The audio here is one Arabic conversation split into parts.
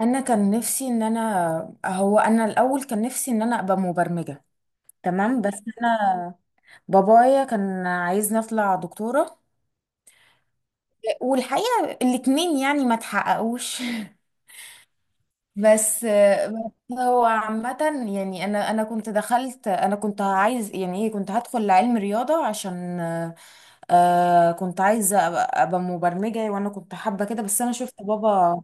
انا الاول كان نفسي ان انا ابقى مبرمجة. تمام، بس انا بابايا كان عايزني اطلع دكتورة، والحقيقة الاتنين يعني ما تحققوش. بس هو عامة، يعني انا انا كنت دخلت انا كنت عايز يعني ايه، كنت هدخل علم رياضة عشان كنت عايزة أبقى مبرمجة، وانا كنت حابة كده. بس انا شفت بابا.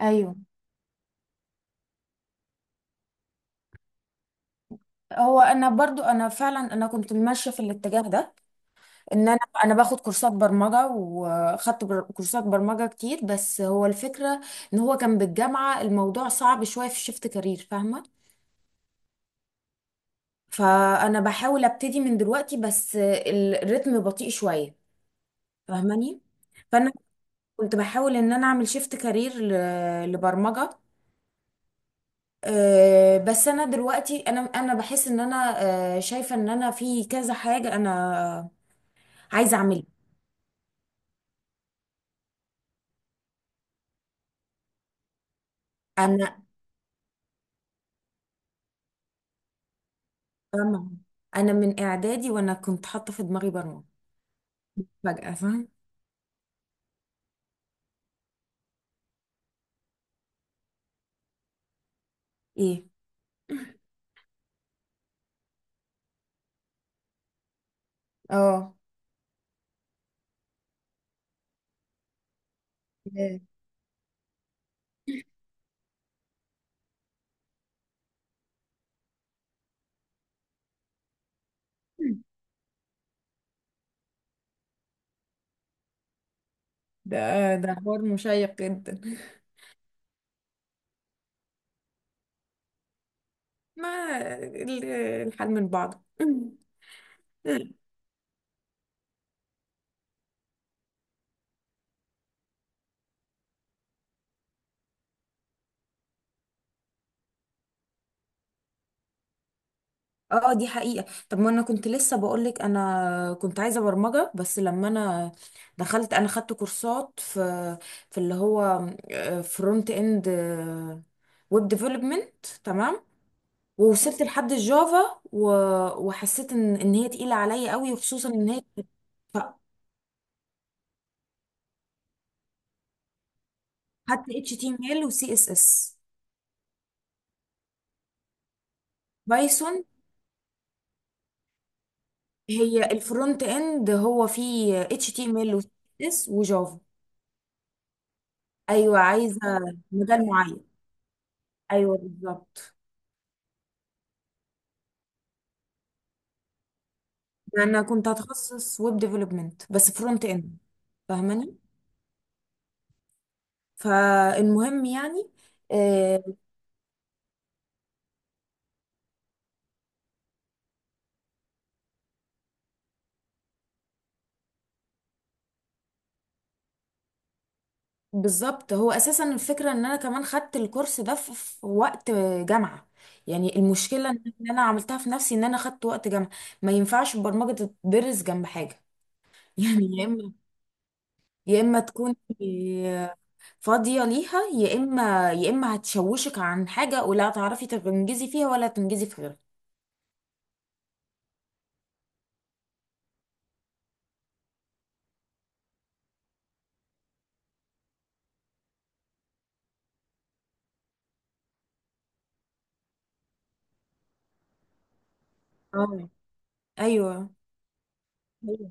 ايوه، هو انا برضو انا فعلا انا كنت ماشيه في الاتجاه ده، ان انا انا باخد كورسات برمجه، وخدت كورسات برمجه كتير. بس هو الفكره ان هو كان بالجامعه الموضوع صعب شويه في شيفت كارير، فاهمه؟ فانا بحاول ابتدي من دلوقتي، بس الريتم بطيء شويه، فاهماني؟ فانا كنت بحاول ان انا اعمل شيفت كارير لبرمجه. بس انا دلوقتي انا انا بحس ان انا، شايفه ان انا في كذا حاجه انا عايزه اعملها. انا فاهمة؟ انا من اعدادي وانا كنت حاطه في دماغي برمجه فجأة، فاهم؟ ايه. اه. ياه. ده ده حوار مشيق جدا. ما ال- الحال من بعضه. اه دي حقيقة. طب ما انا كنت لسه بقولك انا كنت عايزة برمجة، بس لما انا دخلت انا خدت كورسات في اللي هو فرونت اند ويب ديفلوبمنت. تمام. ووصلت لحد الجافا وحسيت ان هي تقيلة عليا قوي، وخصوصا ان هي خدت اتش تي ام ال وسي اس اس. بايثون؟ هي الفرونت اند، هو فيه اتش تي ام ال وسي اس اس وجافا. ايوه عايزه مجال معين. ايوه بالظبط، انا كنت هتخصص ويب ديفلوبمنت بس فرونت اند، فاهماني؟ فالمهم يعني، آه، بالظبط. هو اساسا الفكره ان انا كمان خدت الكورس ده في وقت جامعه، يعني المشكله ان انا عملتها في نفسي ان انا خدت وقت جامعه. ما ينفعش البرمجه تدرس جنب حاجه. يعني يا اما تكون فاضيه ليها، يا اما هتشوشك عن حاجه، ولا تعرفي تنجزي فيها ولا تنجزي في غيرها. اه. ايوه. أيوة.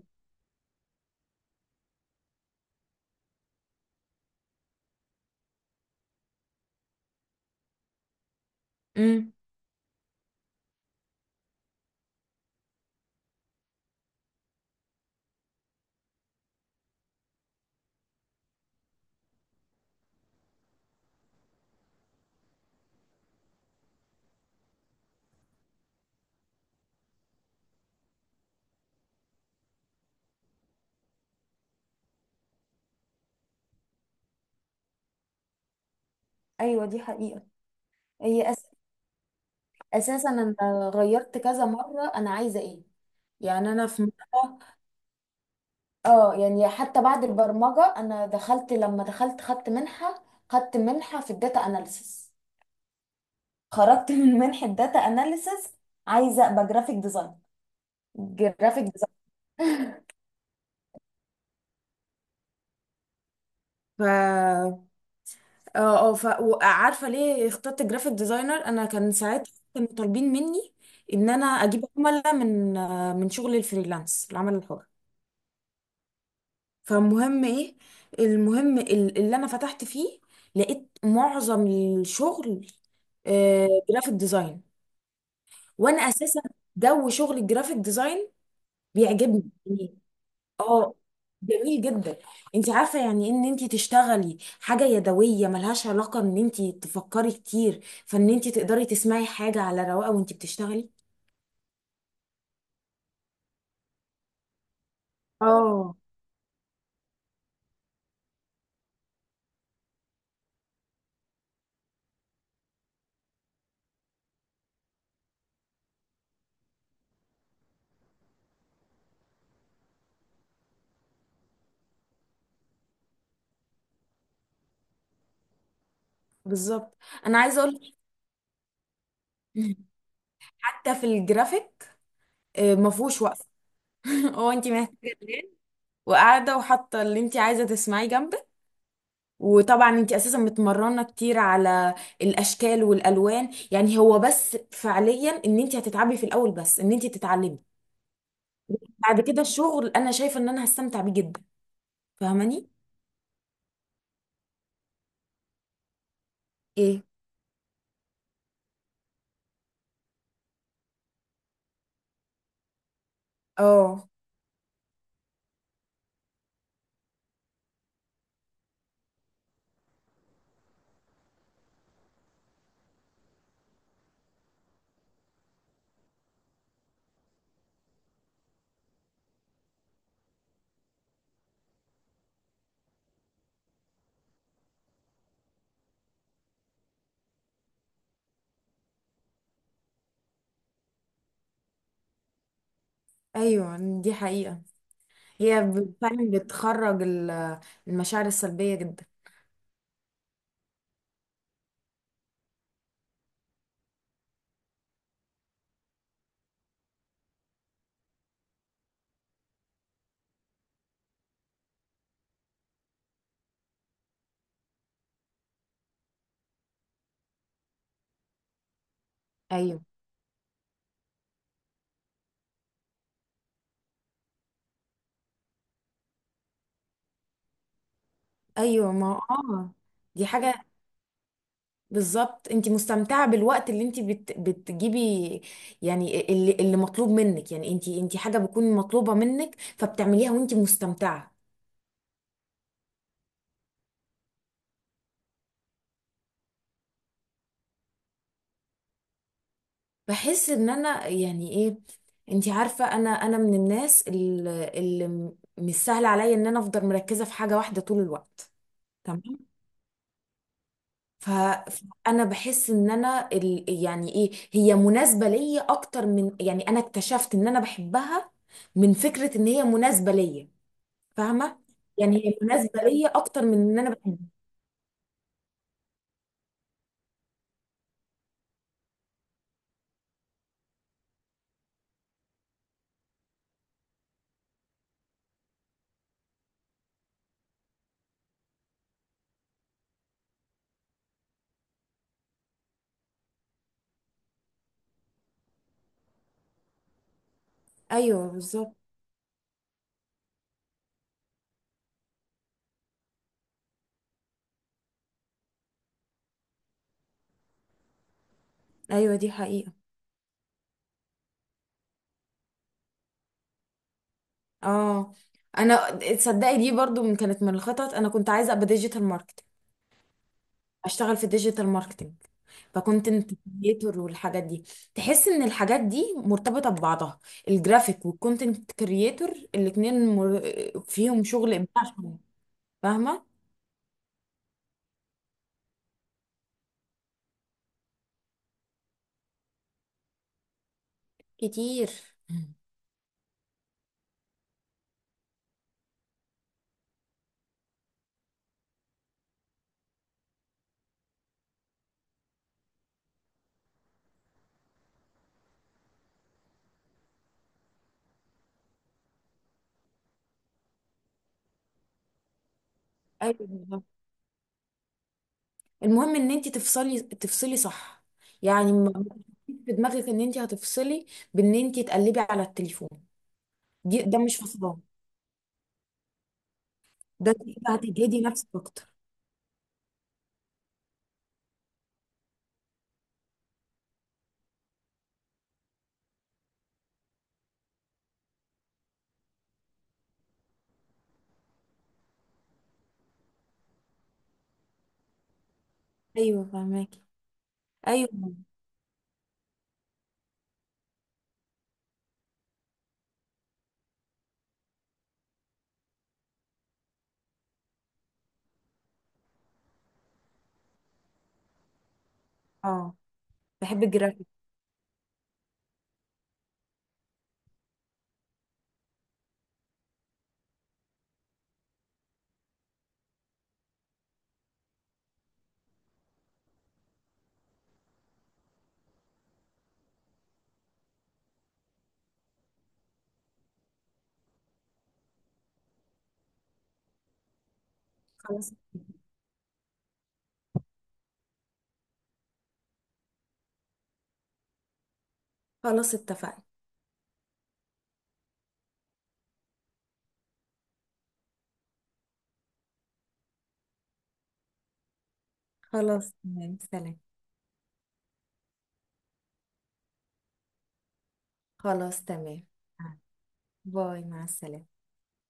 امم. ايوه دي حقيقه. هي أس... اساسا انا غيرت كذا مره، انا عايزه ايه. يعني انا في مره، اه، يعني حتى بعد البرمجه انا دخلت لما دخلت خدت منحه، خدت منحه في الداتا اناليسيس، خرجت من منحه داتا اناليسيس عايزه ابقى جرافيك ديزاين. جرافيك ديزاين. اه اه، وعارفه ليه اخترت جرافيك ديزاينر؟ انا كان ساعتها كانوا طالبين مني ان انا اجيب عملاء من، من شغل الفريلانس، العمل الحر. فالمهم ايه، المهم اللي انا فتحت فيه لقيت معظم الشغل جرافيك ديزاين. وانا اساسا جو شغل الجرافيك ديزاين بيعجبني. اه جميل جدا. انت عارفه يعني ان انت تشتغلي حاجه يدويه ملهاش علاقه ان انت تفكري كتير، فان انت تقدري تسمعي حاجه على رواقه وانت بتشتغلي. اه بالظبط. انا عايزه اقول لك، حتى في الجرافيك مفهوش وقفه. هو انت محتاجه تنام، وقاعده وحاطه اللي انت عايزه تسمعيه جنبك، وطبعا انت اساسا متمرنه كتير على الاشكال والالوان، يعني هو بس فعليا ان انت هتتعبي في الاول بس ان انت تتعلمي، بعد كده الشغل انا شايفه ان انا هستمتع بيه جدا، فاهماني؟ ايه. اه. ايوه دي حقيقه. هي فعلا بتخرج المشاعر السلبيه جدا. ايوه. ايوه، ما اه، دي حاجه. بالظبط، انت مستمتعه بالوقت اللي انت بتجيبي، يعني اللي مطلوب منك، يعني انت حاجه بتكون مطلوبه منك فبتعمليها وانت مستمتعه. بحس ان انا يعني ايه، انتي عارفه انا من الناس اللي مش سهل عليا ان انا افضل مركزه في حاجه واحده طول الوقت. تمام. فانا بحس ان انا يعني ايه، هي مناسبه ليا اكتر من، يعني انا اكتشفت ان انا بحبها من فكره ان هي مناسبه ليا، فاهمه؟ يعني هي مناسبه ليا اكتر من ان انا بحبها. ايوه بالظبط. ايوه دي حقيقه. اه، انا تصدقي دي برضو كانت من الخطط، انا كنت عايزه ابقى ديجيتال ماركت، اشتغل في الديجيتال ماركتينج، فكونتنت كريتور والحاجات دي. تحس ان الحاجات دي مرتبطه ببعضها، الجرافيك والكونتنت كريتور، الاثنين فيهم شغل ابداع شوية. فاهمه؟ كتير. ايوه بالظبط. المهم ان انت تفصلي تفصلي صح، يعني ما تحطيش في دماغك ان انت هتفصلي بان انت تقلبي على التليفون. دي، ده مش فصلان، ده انت كده هتجهدي نفسك اكتر. ايوه فاهماكي. ايوه. اه بحب الجرافيك. خلاص. خلاص اتفقنا. خلاص تمام، سلام. خلاص تمام. باي، مع السلامة.